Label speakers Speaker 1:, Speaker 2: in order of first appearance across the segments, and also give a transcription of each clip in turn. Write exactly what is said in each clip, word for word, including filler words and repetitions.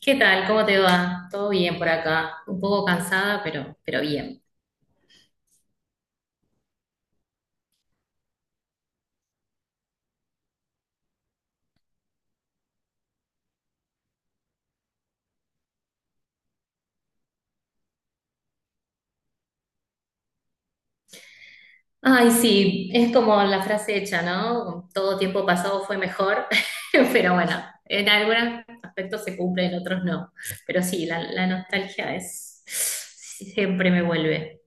Speaker 1: ¿Qué tal? ¿Cómo te va? Todo bien por acá. Un poco cansada, pero, pero bien. Ay, sí, es como la frase hecha, ¿no? Todo tiempo pasado fue mejor, pero bueno, en algunos aspectos se cumple, en otros no. Pero sí, la, la nostalgia es siempre me vuelve.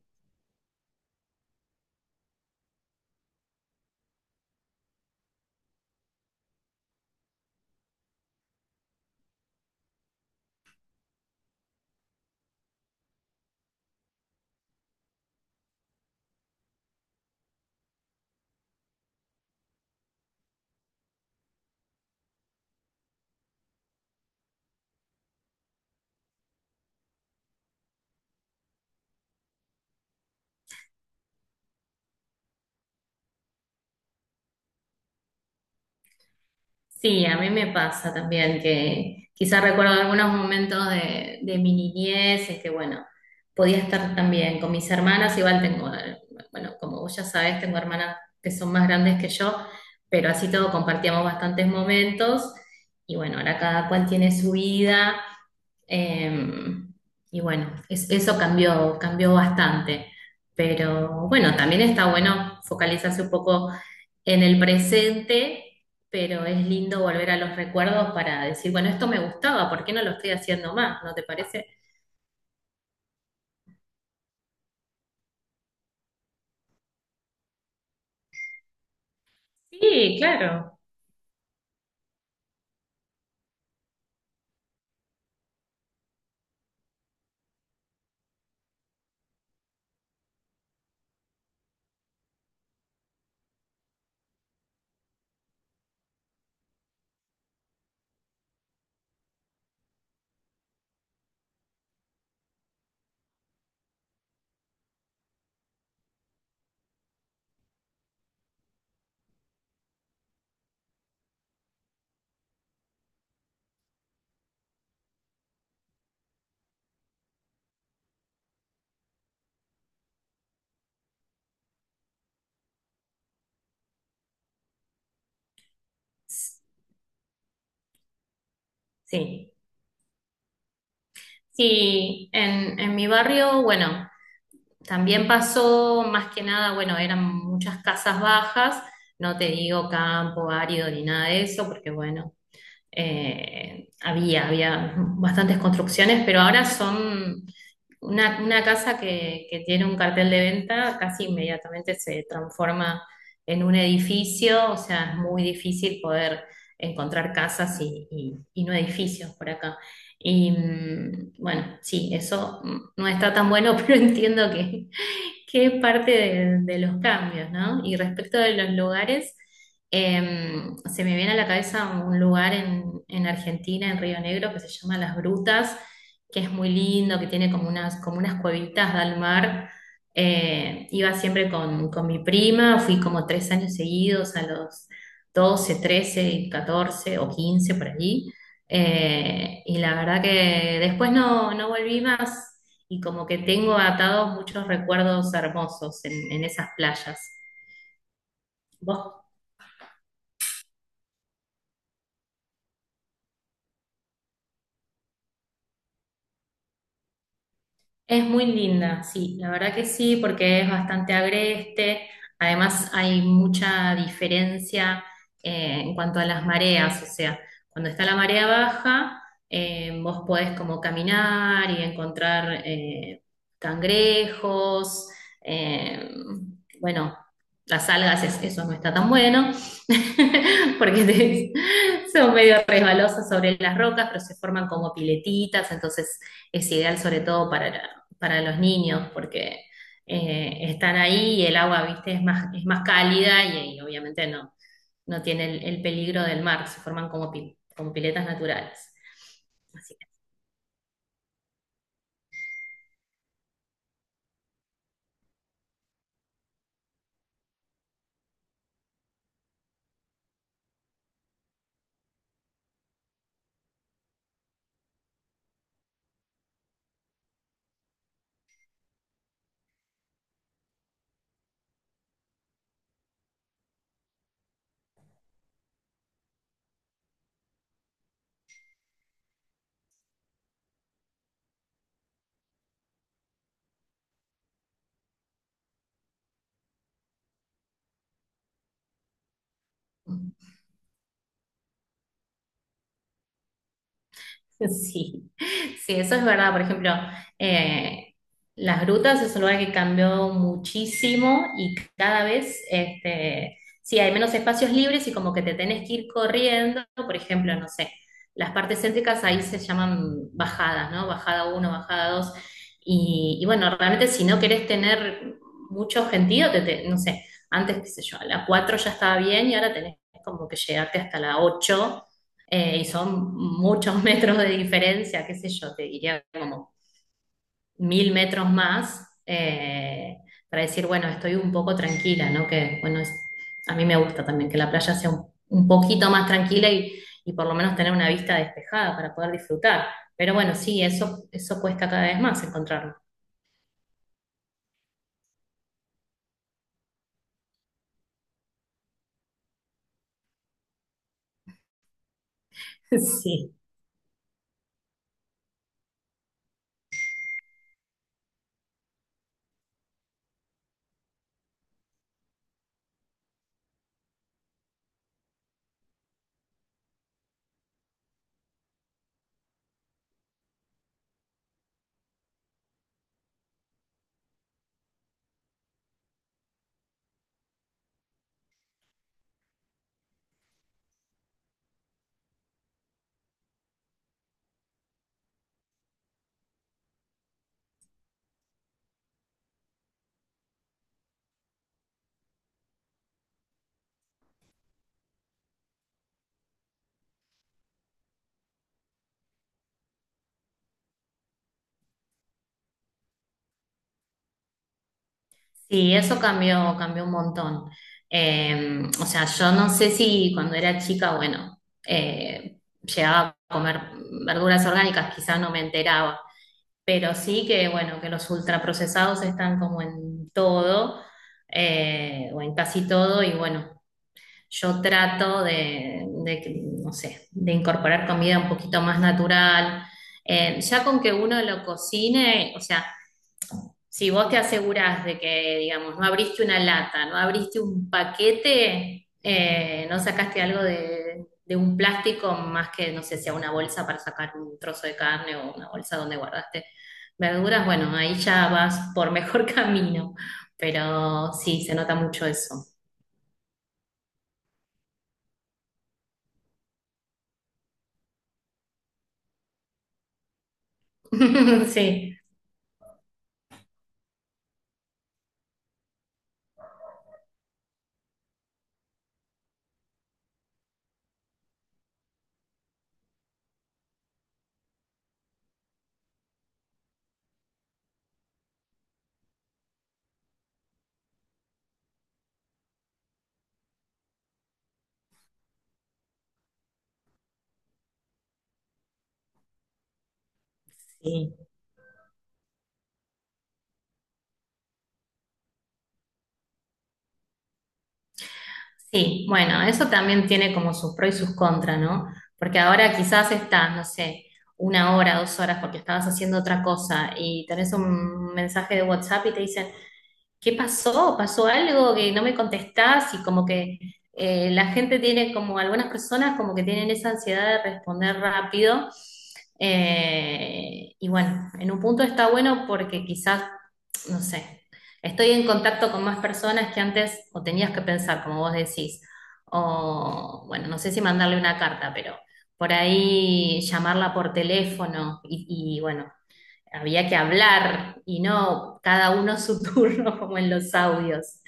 Speaker 1: Sí, a mí me pasa también que quizás recuerdo algunos momentos de, de mi niñez, es que bueno, podía estar también con mis hermanas, igual tengo, eh, bueno, como vos ya sabés, tengo hermanas que son más grandes que yo, pero así todo compartíamos bastantes momentos y bueno, ahora cada cual tiene su vida eh, y bueno, es- eso cambió, cambió bastante. Pero bueno, también está bueno focalizarse un poco en el presente, pero es lindo volver a los recuerdos para decir, bueno, esto me gustaba, ¿por qué no lo estoy haciendo más? ¿No te parece? Sí, claro. Sí. Sí, en, en mi barrio, bueno, también pasó más que nada, bueno, eran muchas casas bajas, no te digo campo árido ni nada de eso, porque bueno. eh, había, había bastantes construcciones, pero ahora son una, una casa que, que tiene un cartel de venta, casi inmediatamente se transforma en un edificio, o sea, es muy difícil poder encontrar casas y, y- y no edificios por acá. Y mm, bueno, sí, eso mm, no está tan bueno, pero entiendo que, qué parte de, de los cambios, ¿no? Y respecto de los lugares, eh, se me viene a la cabeza un lugar en, en Argentina, en Río Negro, que se llama Las Brutas, que es muy lindo, que tiene como unas, como unas cuevitas al mar. Eh, iba siempre con, con mi prima, fui como tres años seguidos, a los doce, trece, catorce o quince por allí. Eh, y la verdad que después no, no volví más y como que tengo atados muchos recuerdos hermosos en, en esas playas. ¿Vos Es muy linda, sí, la verdad que sí, porque es bastante agreste. Además, hay mucha diferencia eh, en cuanto a las mareas, o sea, cuando está la marea baja, eh, vos podés como caminar y encontrar eh, cangrejos, eh, bueno, las algas, es- eso no está tan bueno, porque te- son medio resbalosas sobre las rocas, pero se forman como piletitas, entonces es ideal sobre todo para para los niños, porque eh, están ahí y el agua, viste, es más, es más cálida y, y obviamente no, no tiene el, el peligro del mar, se forman como, pi- como piletas naturales. Así que, sí, sí, eso es verdad. Por ejemplo, eh, las grutas es un lugar que cambió muchísimo y cada vez, este, sí, hay menos espacios libres y como que te tenés que ir corriendo. Por ejemplo, no sé, las partes céntricas ahí se llaman bajadas, ¿no? Bajada uno, bajada dos. Y, y bueno, realmente si no querés tener mucho sentido, te, te- no sé, antes, qué sé yo, a la cuatro ya estaba bien y ahora tenés como que llegarte hasta la ocho, eh, y son muchos metros de diferencia, qué sé yo, te diría como mil metros más, eh, para decir, bueno, estoy un poco tranquila, ¿no? Que, bueno, es- a mí me gusta también que la playa sea un, un poquito más tranquila y, y por lo menos tener una vista despejada para poder disfrutar. Pero bueno, sí, eso, eso cuesta cada vez más encontrarlo. Sí. Sí, eso cambió, cambió un montón. Eh, o sea, yo no sé si cuando era chica, bueno, eh, llegaba a comer verduras orgánicas, quizás no me enteraba, pero sí que, bueno, que los ultraprocesados están como en todo, eh, o en casi todo, y bueno, yo trato de, de no sé, de incorporar comida un poquito más natural. Eh, ya con que uno lo cocine, o sea, si vos te asegurás de que, digamos, no abriste una lata, no abriste un paquete, eh, no sacaste algo de, de un plástico más que, no sé, sea una bolsa para sacar un trozo de carne o una bolsa donde guardaste verduras, bueno, ahí ya vas por mejor camino, pero sí, se nota mucho eso. Sí. Sí, sí, bueno, eso también tiene como sus pros y sus contras, ¿no? Porque ahora quizás estás, no sé, una hora, dos horas porque estabas haciendo otra cosa y tenés un mensaje de WhatsApp y te dicen, ¿qué pasó? ¿Pasó algo que no me contestás? Y como que eh, la gente tiene, como algunas personas, como que tienen esa ansiedad de responder rápido. Eh, y bueno, en un punto está bueno porque quizás, no sé, estoy en contacto con más personas que antes o tenías que pensar, como vos decís. O bueno, no sé si mandarle una carta, pero por ahí llamarla por teléfono y, y bueno, había que hablar y no cada uno su turno como en los audios.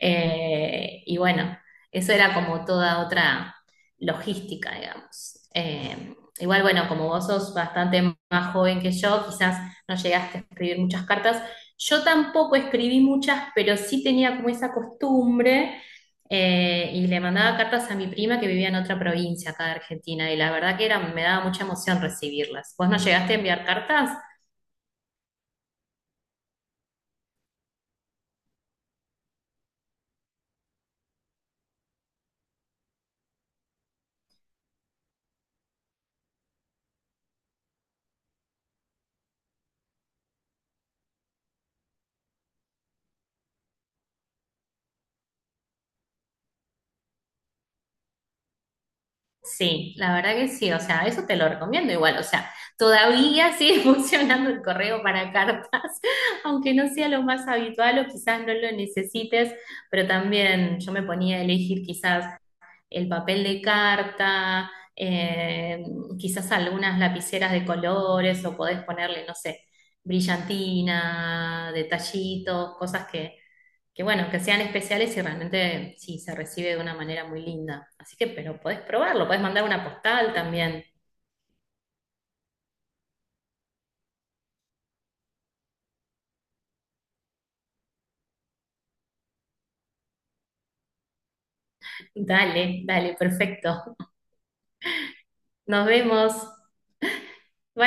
Speaker 1: Eh, y bueno, eso era como toda otra logística, digamos. Eh, igual, bueno, como vos sos bastante más joven que yo, quizás no llegaste a escribir muchas cartas. Yo tampoco escribí muchas, pero sí tenía como esa costumbre. Eh, y le mandaba cartas a mi prima que vivía en otra provincia acá de Argentina, y la verdad que era, me daba mucha emoción recibirlas. ¿Vos no llegaste a enviar cartas? Sí, la verdad que sí, o sea, eso te lo recomiendo igual, o sea, todavía sigue funcionando el correo para cartas, aunque no sea lo más habitual o quizás no lo necesites, pero también yo me ponía a elegir quizás el papel de carta, eh, quizás algunas lapiceras de colores o podés ponerle, no sé, brillantina, detallitos, cosas que bueno, que sean especiales y realmente sí, se recibe de una manera muy linda. Así que, pero podés probarlo, podés mandar una postal también. Dale, dale, perfecto. Nos vemos. Bye.